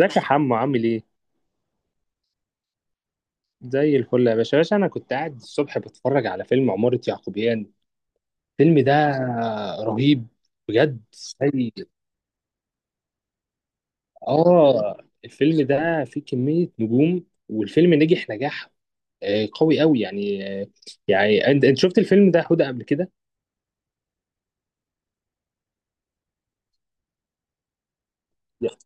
ازيك يا حمو عامل ايه؟ زي الفل يا باشا يا باشا انا كنت قاعد الصبح بتفرج على فيلم عمارة يعقوبيان. الفيلم ده رهيب. بجد سيء. اه. الفيلم ده فيه كمية نجوم والفيلم نجح نجاح. قوي قوي يعني. يعني انت شفت الفيلم ده هدى قبل كده؟ لا.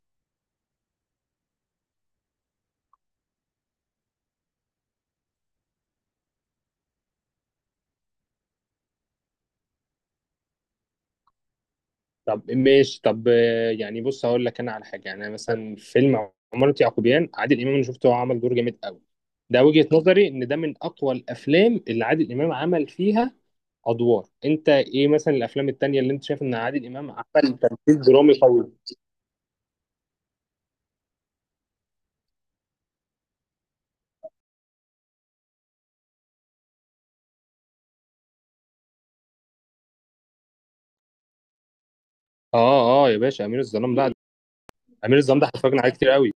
طب ماشي طب يعني بص هقول لك انا على حاجة يعني مثلا فيلم عمارة يعقوبيان عادل امام انا شفته هو عمل دور جامد قوي. ده وجهة نظري ان ده من اقوى الافلام اللي عادل امام عمل فيها ادوار. انت ايه مثلا الافلام التانية اللي انت شايف ان عادل امام عمل تمثيل درامي قوي؟ اه اه يا باشا امير الظلام. لا. امير الظلام ده اتفرجنا عليه كتير قوي.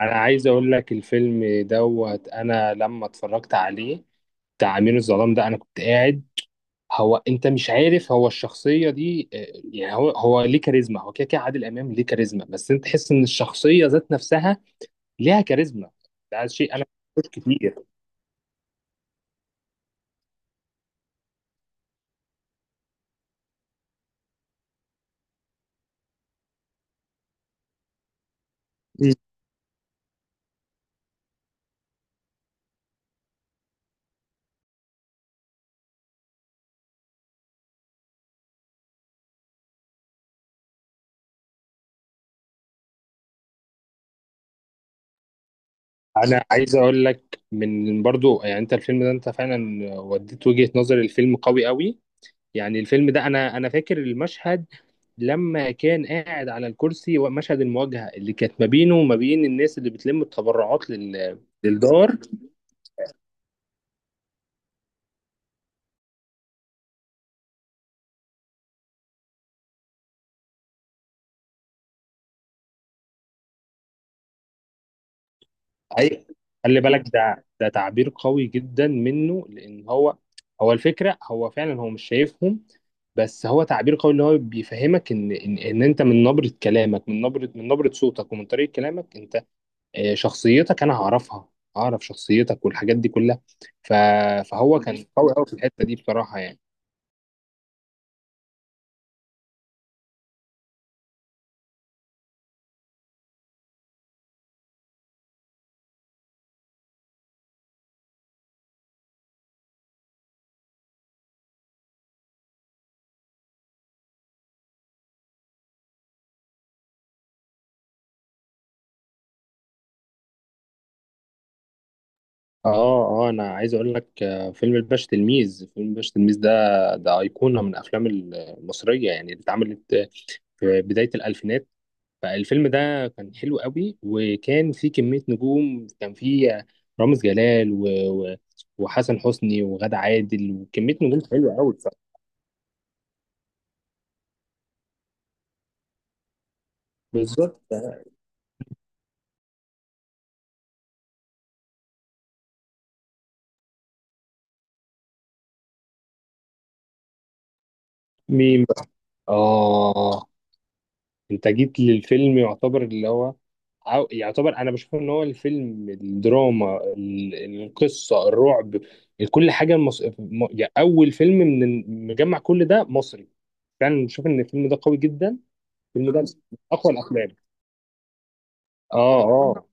انا عايز اقول لك الفيلم دوت انا لما اتفرجت عليه بتاع امير الظلام ده انا كنت قاعد. هو انت مش عارف هو الشخصيه دي. يعني هو ليه كاريزما. هو كده كده عادل امام ليه كاريزما، بس انت تحس ان الشخصيه ذات نفسها ليها كاريزما. ده شيء انا مش كتير. انا عايز اقول لك من برضو يعني انت الفيلم ده انت فعلا وديت وجهة نظر الفيلم قوي قوي. يعني الفيلم ده انا فاكر المشهد لما كان قاعد على الكرسي ومشهد المواجهة اللي كانت ما بينه وما بين الناس اللي بتلم التبرعات لل... للدار. اي، خلي بالك ده تعبير قوي جدا منه لان هو هو الفكرة هو فعلا هو مش شايفهم. بس هو تعبير قوي اللي هو بيفهمك إن انت من نبرة كلامك من نبرة صوتك ومن طريقة كلامك انت. شخصيتك انا هعرفها. اعرف شخصيتك والحاجات دي كلها. ف... فهو كان قوي قوي في الحته دي بصراحه يعني. اه اه انا عايز اقول لك فيلم الباشا تلميذ ده ده ايقونه من الافلام المصريه يعني اللي اتعملت في بدايه الالفينات. فالفيلم ده كان حلو قوي وكان فيه كميه نجوم. كان فيه رامز جلال و... و... وحسن حسني وغادة عادل وكميه نجوم حلوه قوي بصراحه. بالظبط. مين بقى؟ آه. انت جيت للفيلم يعتبر اللي هو عاو- يعتبر انا بشوف ان هو الفيلم الدراما ال- القصه الرعب كل حاجه مص... م- يعني اول فيلم من مجمع كل ده مصري. فعلا بشوف ان الفيلم ده قوي جدا. الفيلم ده من اقوى الافلام. اه اه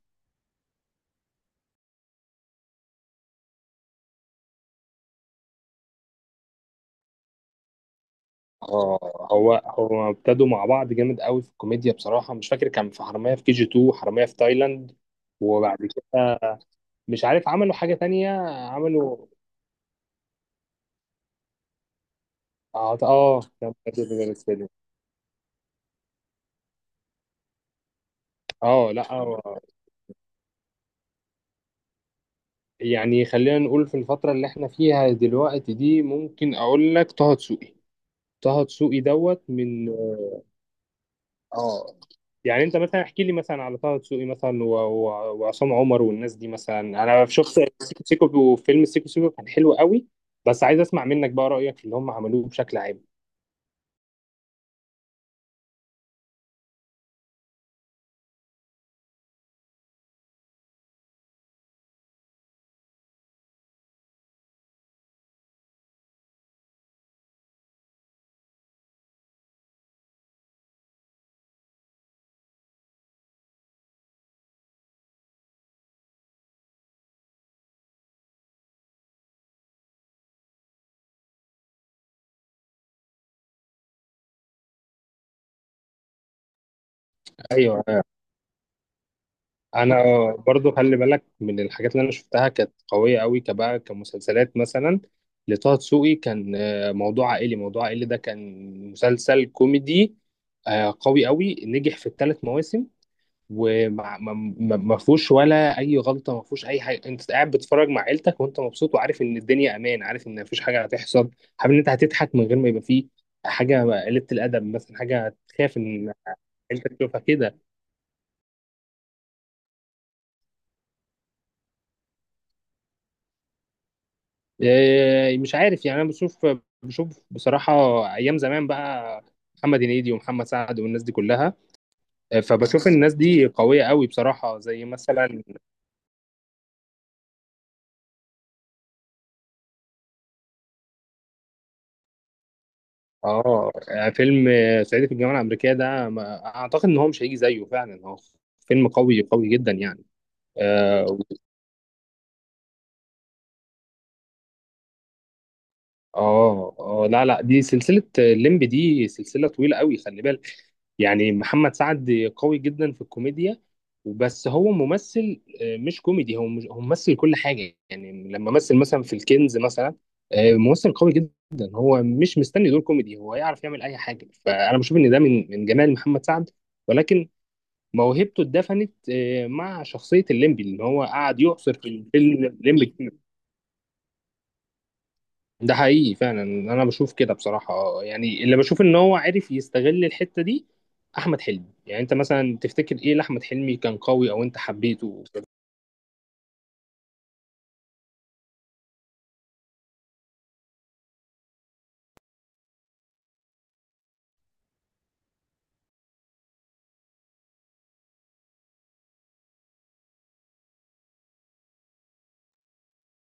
اه هو ابتدوا مع بعض جامد قوي في الكوميديا بصراحه مش فاكر كان في حراميه في كي جي 2 حراميه في تايلاند. وبعد كده مش عارف عملوا حاجه تانية عملوا. اه. كان. اه لا هو- يعني خلينا نقول في الفترة اللي احنا فيها دلوقتي دي ممكن اقول لك طه دسوقي. طه دسوقي دوت من. اه، يعني انت مثلا احكي لي مثلا على طه دسوقي مثلا و- و- وعصام عمر والناس دي مثلا انا شفت سيكو سيكو وفيلم سيكو سيكو كان حلو قوي. بس عايز اسمع منك بقى رأيك في اللي هم عملوه بشكل عام. ايوه، انا برضو خلي بالك من الحاجات اللي انا شفتها كانت قويه قوي كبقى كمسلسلات مثلا لطه دسوقي كان. موضوع عائلي. موضوع عائلي ده كان مسلسل كوميدي قوي قوي نجح في الثلاث مواسم. وما ما ما- ما فيهوش ولا اي غلطه. ما فيهوش اي حاجه. انت قاعد بتتفرج مع عيلتك وانت مبسوط وعارف ان الدنيا امان عارف ان مفيش حاجه هتحصل. حابب ان انت هتضحك من غير ما يبقى فيه حاجه قله الادب مثلا حاجه تخاف ان عيلتك تشوفها كده. إيه، مش عارف يعني انا بشوف بصراحه ايام زمان بقى محمد هنيدي ومحمد سعد والناس دي كلها. إيه، فبشوف الناس دي قويه قوي بصراحه زي مثلا اه فيلم صعيدي في الجامعه الامريكيه ده ما- اعتقد ان هو مش هيجي زيه فعلا هو فيلم قوي قوي جدا يعني. اه اه لا لا دي سلسله الليمب دي سلسله طويله قوي خلي بالك يعني محمد سعد قوي جدا في الكوميديا. وبس هو ممثل مش كوميدي. هو مش هو ممثل كل حاجة يعني لما مثل مثلا في الكنز مثلا ممثل قوي جدا. هو مش مستني دور كوميدي. هو يعرف يعمل أي حاجة فأنا بشوف إن ده من جمال محمد سعد. ولكن موهبته اتدفنت مع شخصية الليمبي اللي هو قعد يعصر في الفيلم الليمبي. ده حقيقي فعلا انا بشوف كده بصراحه. يعني اللي بشوف ان هو عارف يستغل الحته دي. احمد حلمي يعني انت مثلا تفتكر ايه لاحمد حلمي كان قوي او انت حبيته في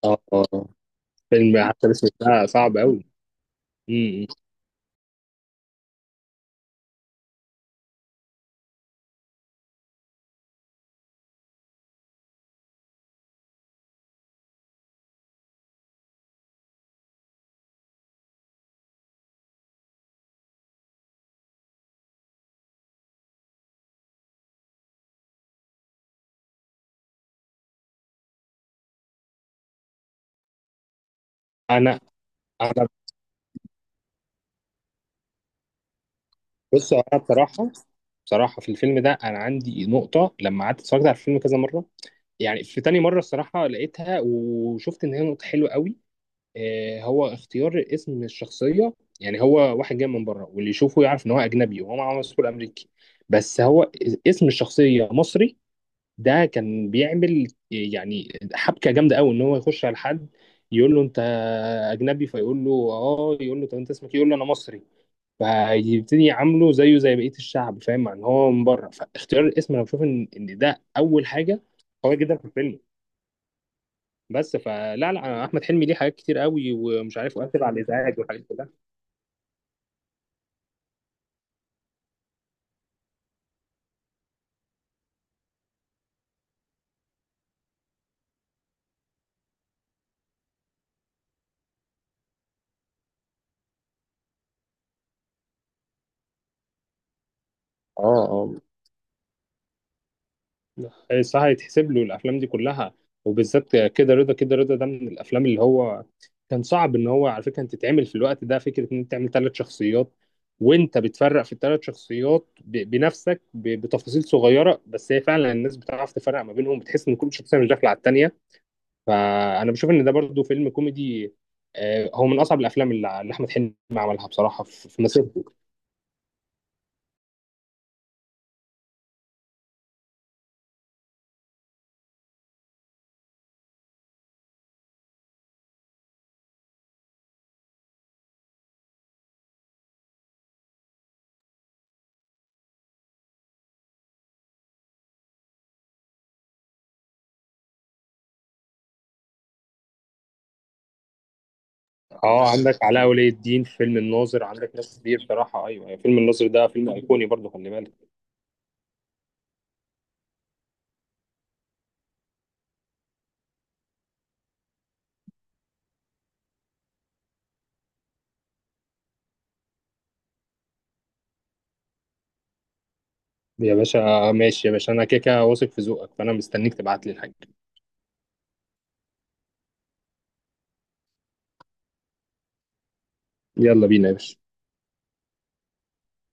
اه. فيلم عسل اسود ده صعب قوي. امم انا انا بص انا بصراحه بصراحه في الفيلم ده انا عندي نقطه لما قعدت اتفرجت على الفيلم كذا مره. يعني في تاني مره الصراحه لقيتها وشفت ان هي نقطه حلوه قوي. هو اختيار اسم الشخصية يعني هو واحد جاي من بره واللي يشوفه يعرف ان هو اجنبي وهو معاه باسبور امريكي. بس هو اسم الشخصية مصري ده كان بيعمل يعني حبكة جامدة قوي ان هو يخش على حد يقول له انت اجنبي فيقول له اه يقول له طب انت اسمك إيه؟ يقول له انا مصري. فيبتدي يعامله زيه زي بقية الشعب فاهم مع ان هو من بره فاختيار الاسم انا بشوف إن ده اول حاجة قوية جدا في الفيلم. بس فلا لا أنا احمد حلمي ليه حاجات كتير قوي ومش عارف وقافل على الازعاج والحاجات كلها. اه اه الصراحه يتحسب له الافلام دي كلها وبالذات كده رضا. كده رضا ده من الافلام اللي هو كان صعب ان هو على فكره انت تتعمل في الوقت ده فكره ان انت تعمل ثلاث شخصيات. وانت بتفرق في الثلاث شخصيات ب- بنفسك ب- بتفاصيل صغيره بس هي فعلا الناس بتعرف تفرق ما بينهم بتحس ان كل شخصيه مش داخله على الثانيه. فانا بشوف ان ده برضو فيلم كوميدي. هو من اصعب الافلام اللي احمد حلمي عملها بصراحه في مسيرته. اه عندك علاء ولي الدين في فيلم الناظر. عندك ناس كتير بصراحه ايوه أيوة. فيلم الناظر ده فيلم ايقوني برضه خلي بالك. يا باشا ماشي يا باشا انا كده كده واثق في ذوقك فانا مستنيك تبعت لي الحاجه. يلا بينا يا باشا.